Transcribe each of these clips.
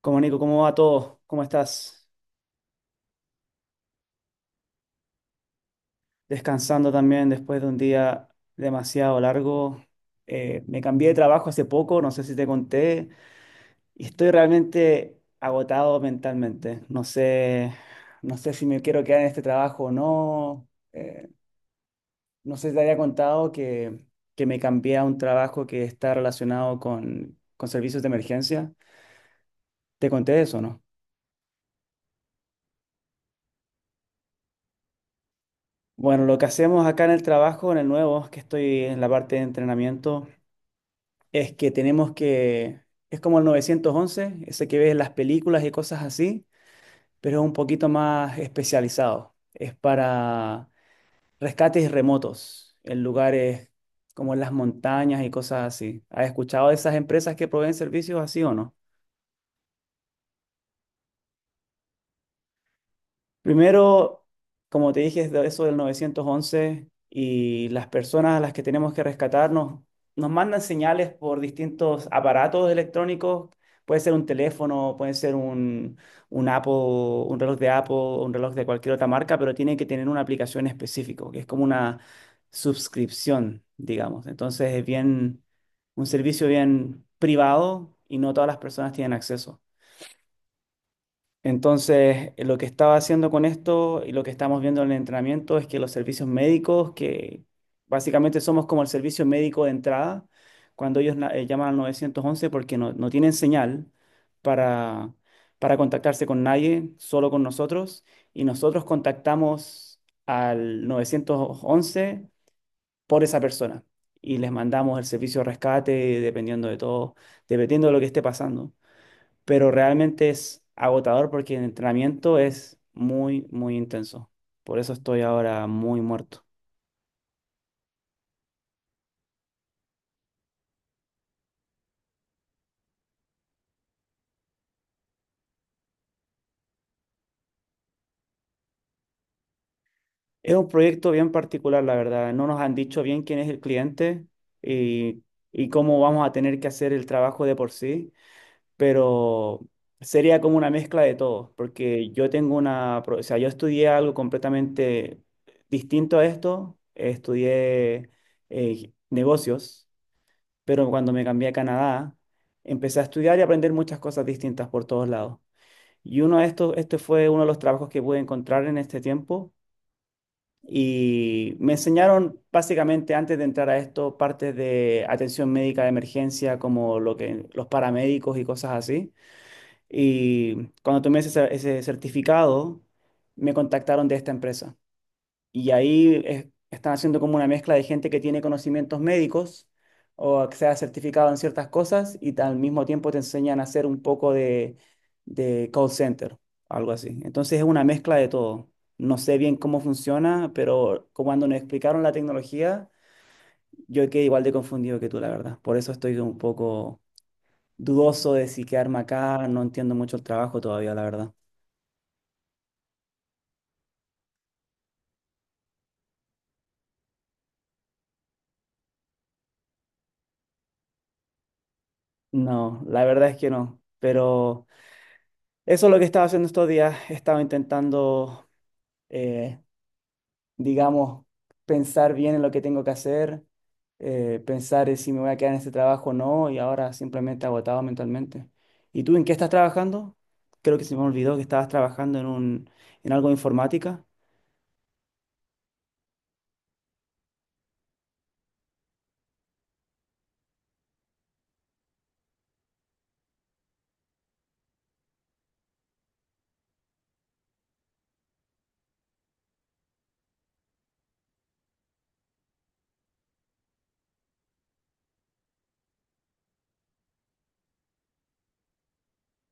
Como Nico, ¿cómo va todo? ¿Cómo estás? Descansando también después de un día demasiado largo. Me cambié de trabajo hace poco, no sé si te conté, y estoy realmente agotado mentalmente. No sé si me quiero quedar en este trabajo o no. No sé si te había contado que me cambié a un trabajo que está relacionado con servicios de emergencia. ¿Te conté eso o no? Bueno, lo que hacemos acá en el trabajo, en el nuevo, que estoy en la parte de entrenamiento, es que tenemos que, es como el 911 ese que ves en las películas y cosas así, pero es un poquito más especializado. Es para rescates remotos en lugares como en las montañas y cosas así. ¿Has escuchado de esas empresas que proveen servicios así o no? Primero, como te dije, es de eso del 911 y las personas a las que tenemos que rescatarnos nos mandan señales por distintos aparatos electrónicos. Puede ser un teléfono, puede ser un Apple, un reloj de Apple, un reloj de cualquier otra marca, pero tiene que tener una aplicación específica, que es como una suscripción, digamos. Entonces es bien, un servicio bien privado y no todas las personas tienen acceso. Entonces, lo que estaba haciendo con esto y lo que estamos viendo en el entrenamiento es que los servicios médicos, que básicamente somos como el servicio médico de entrada, cuando ellos llaman al 911 porque no tienen señal para, para contactarse con nadie, solo con nosotros, y nosotros contactamos al 911 por esa persona y les mandamos el servicio de rescate dependiendo de todo, dependiendo de lo que esté pasando, pero realmente es agotador porque el entrenamiento es muy, muy intenso. Por eso estoy ahora muy muerto. Es un proyecto bien particular, la verdad. No nos han dicho bien quién es el cliente y, y cómo vamos a tener que hacer el trabajo de por sí, pero sería como una mezcla de todo, porque yo tengo o sea, yo estudié algo completamente distinto a esto. Estudié negocios. Pero cuando me cambié a Canadá, empecé a estudiar y aprender muchas cosas distintas por todos lados. Y uno de estos, este fue uno de los trabajos que pude encontrar en este tiempo. Y me enseñaron básicamente antes de entrar a esto partes de atención médica de emergencia, como lo que, los paramédicos y cosas así. Y cuando tomé ese certificado, me contactaron de esta empresa. Y ahí están haciendo como una mezcla de gente que tiene conocimientos médicos o que sea certificado en ciertas cosas y al mismo tiempo te enseñan a hacer un poco de call center, algo así. Entonces es una mezcla de todo. No sé bien cómo funciona, pero como cuando nos explicaron la tecnología, yo quedé igual de confundido que tú, la verdad. Por eso estoy un poco dudoso de si quedarme acá. No entiendo mucho el trabajo todavía, la verdad. No, la verdad es que no. Pero eso es lo que estaba haciendo estos días. He estado intentando, eh, digamos, pensar bien en lo que tengo que hacer, pensar en si me voy a quedar en este trabajo o no, y ahora simplemente agotado mentalmente. ¿Y tú en qué estás trabajando? Creo que se me olvidó que estabas trabajando en en algo de informática.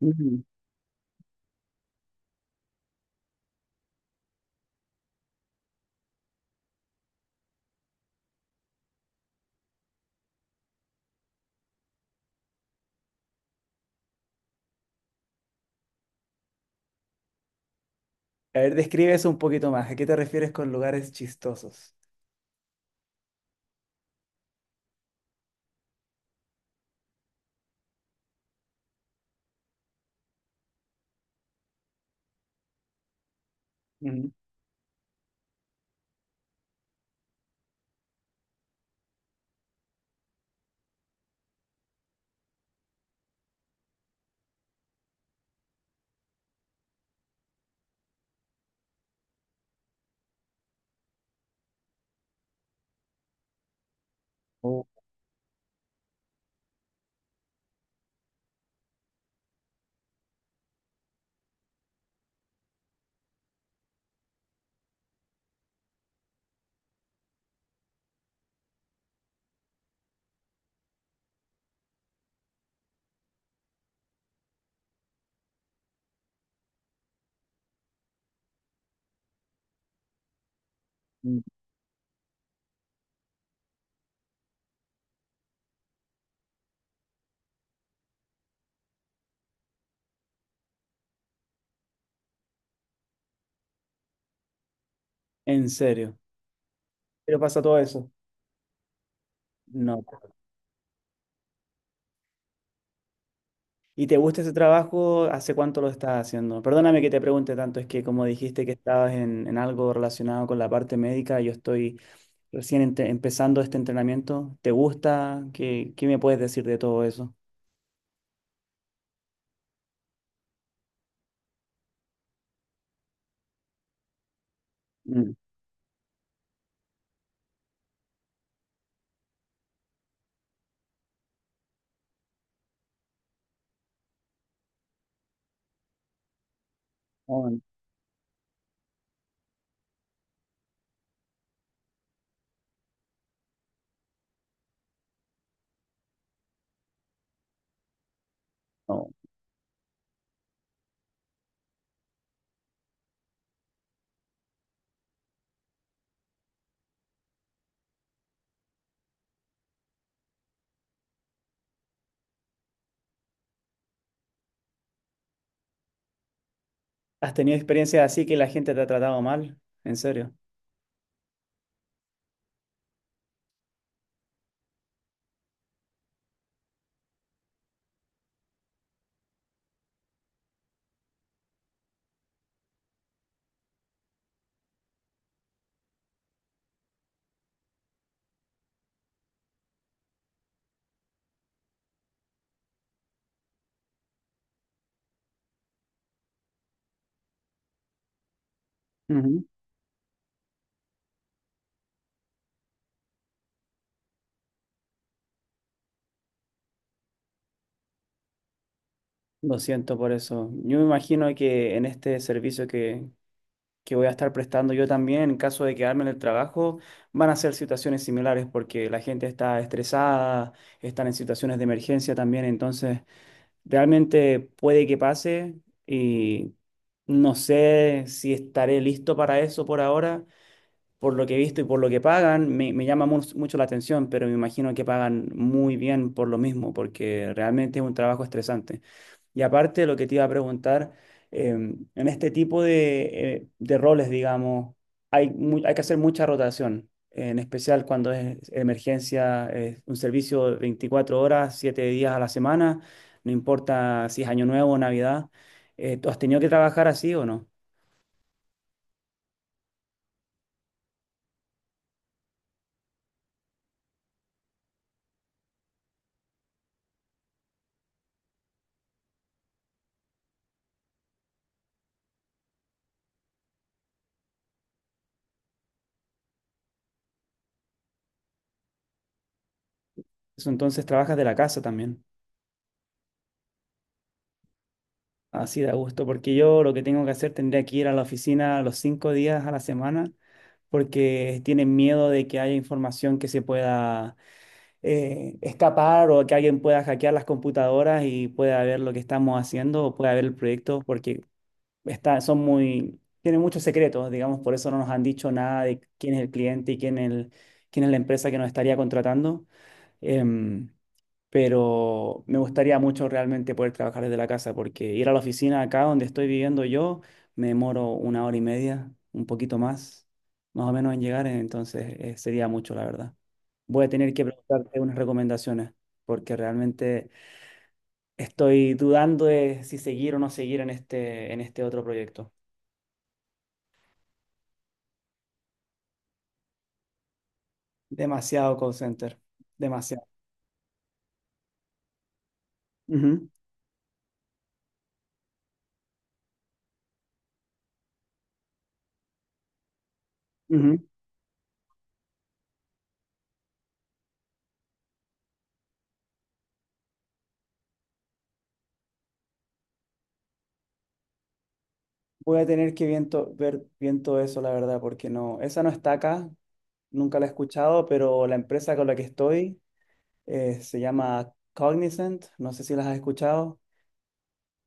Ujú. A ver, describe eso un poquito más. ¿A qué te refieres con lugares chistosos? Ujú. Oh, mm. ¿En serio? ¿Qué le pasa todo eso? No. ¿Y te gusta ese trabajo? ¿Hace cuánto lo estás haciendo? Perdóname que te pregunte tanto, es que como dijiste que estabas en algo relacionado con la parte médica, yo estoy empezando este entrenamiento. ¿Te gusta? Qué me puedes decir de todo eso? Mm, oh, no. ¿Has tenido experiencias así que la gente te ha tratado mal? ¿En serio? Ujú. Lo siento por eso. Yo me imagino que en este servicio que voy a estar prestando yo también en caso de quedarme en el trabajo, van a ser situaciones similares porque la gente está estresada, están en situaciones de emergencia también, entonces realmente puede que pase y no sé si estaré listo para eso por ahora. Por lo que he visto y por lo que pagan, me llama mucho la atención, pero me imagino que pagan muy bien por lo mismo, porque realmente es un trabajo estresante. Y aparte, lo que te iba a preguntar, en este tipo de de roles, digamos, hay que hacer mucha rotación, en especial cuando es emergencia, es un servicio de 24 horas, 7 días a la semana, no importa si es Año Nuevo o Navidad. ¿Tú has tenido que trabajar así o no? Eso. Entonces trabajas de la casa también. Así da gusto, porque yo lo que tengo que hacer tendría que ir a la oficina los cinco días a la semana, porque tienen miedo de que haya información que se pueda escapar o que alguien pueda hackear las computadoras y pueda ver lo que estamos haciendo o pueda ver el proyecto, porque está, son muy, tienen muchos secretos, digamos. Por eso no nos han dicho nada de quién es el cliente y quién es la empresa que nos estaría contratando. Em, pero me gustaría mucho realmente poder trabajar desde la casa, porque ir a la oficina acá donde estoy viviendo yo, me demoro una hora y media, un poquito más, más o menos en llegar, entonces sería mucho, la verdad. Voy a tener que preguntarte unas recomendaciones, porque realmente estoy dudando de si seguir o no seguir en este otro proyecto. Demasiado call center, demasiado. Ujú, ujú. Voy a tener que viento, ver bien todo eso, la verdad, porque no, esa no está acá. Nunca la he escuchado, pero la empresa con la que estoy se llama Cognizant. No sé si las has escuchado.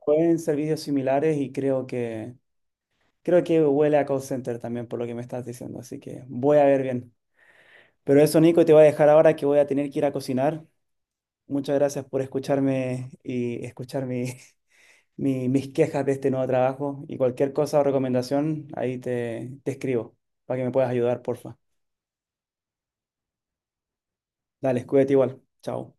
Pueden servicios similares y creo que huele a call center también por lo que me estás diciendo, así que voy a ver bien. Pero eso, Nico, te voy a dejar ahora que voy a tener que ir a cocinar. Muchas gracias por escucharme y escuchar mis quejas de este nuevo trabajo, y cualquier cosa o recomendación, ahí te escribo para que me puedas ayudar, porfa. Dale, cuídate igual. Chao.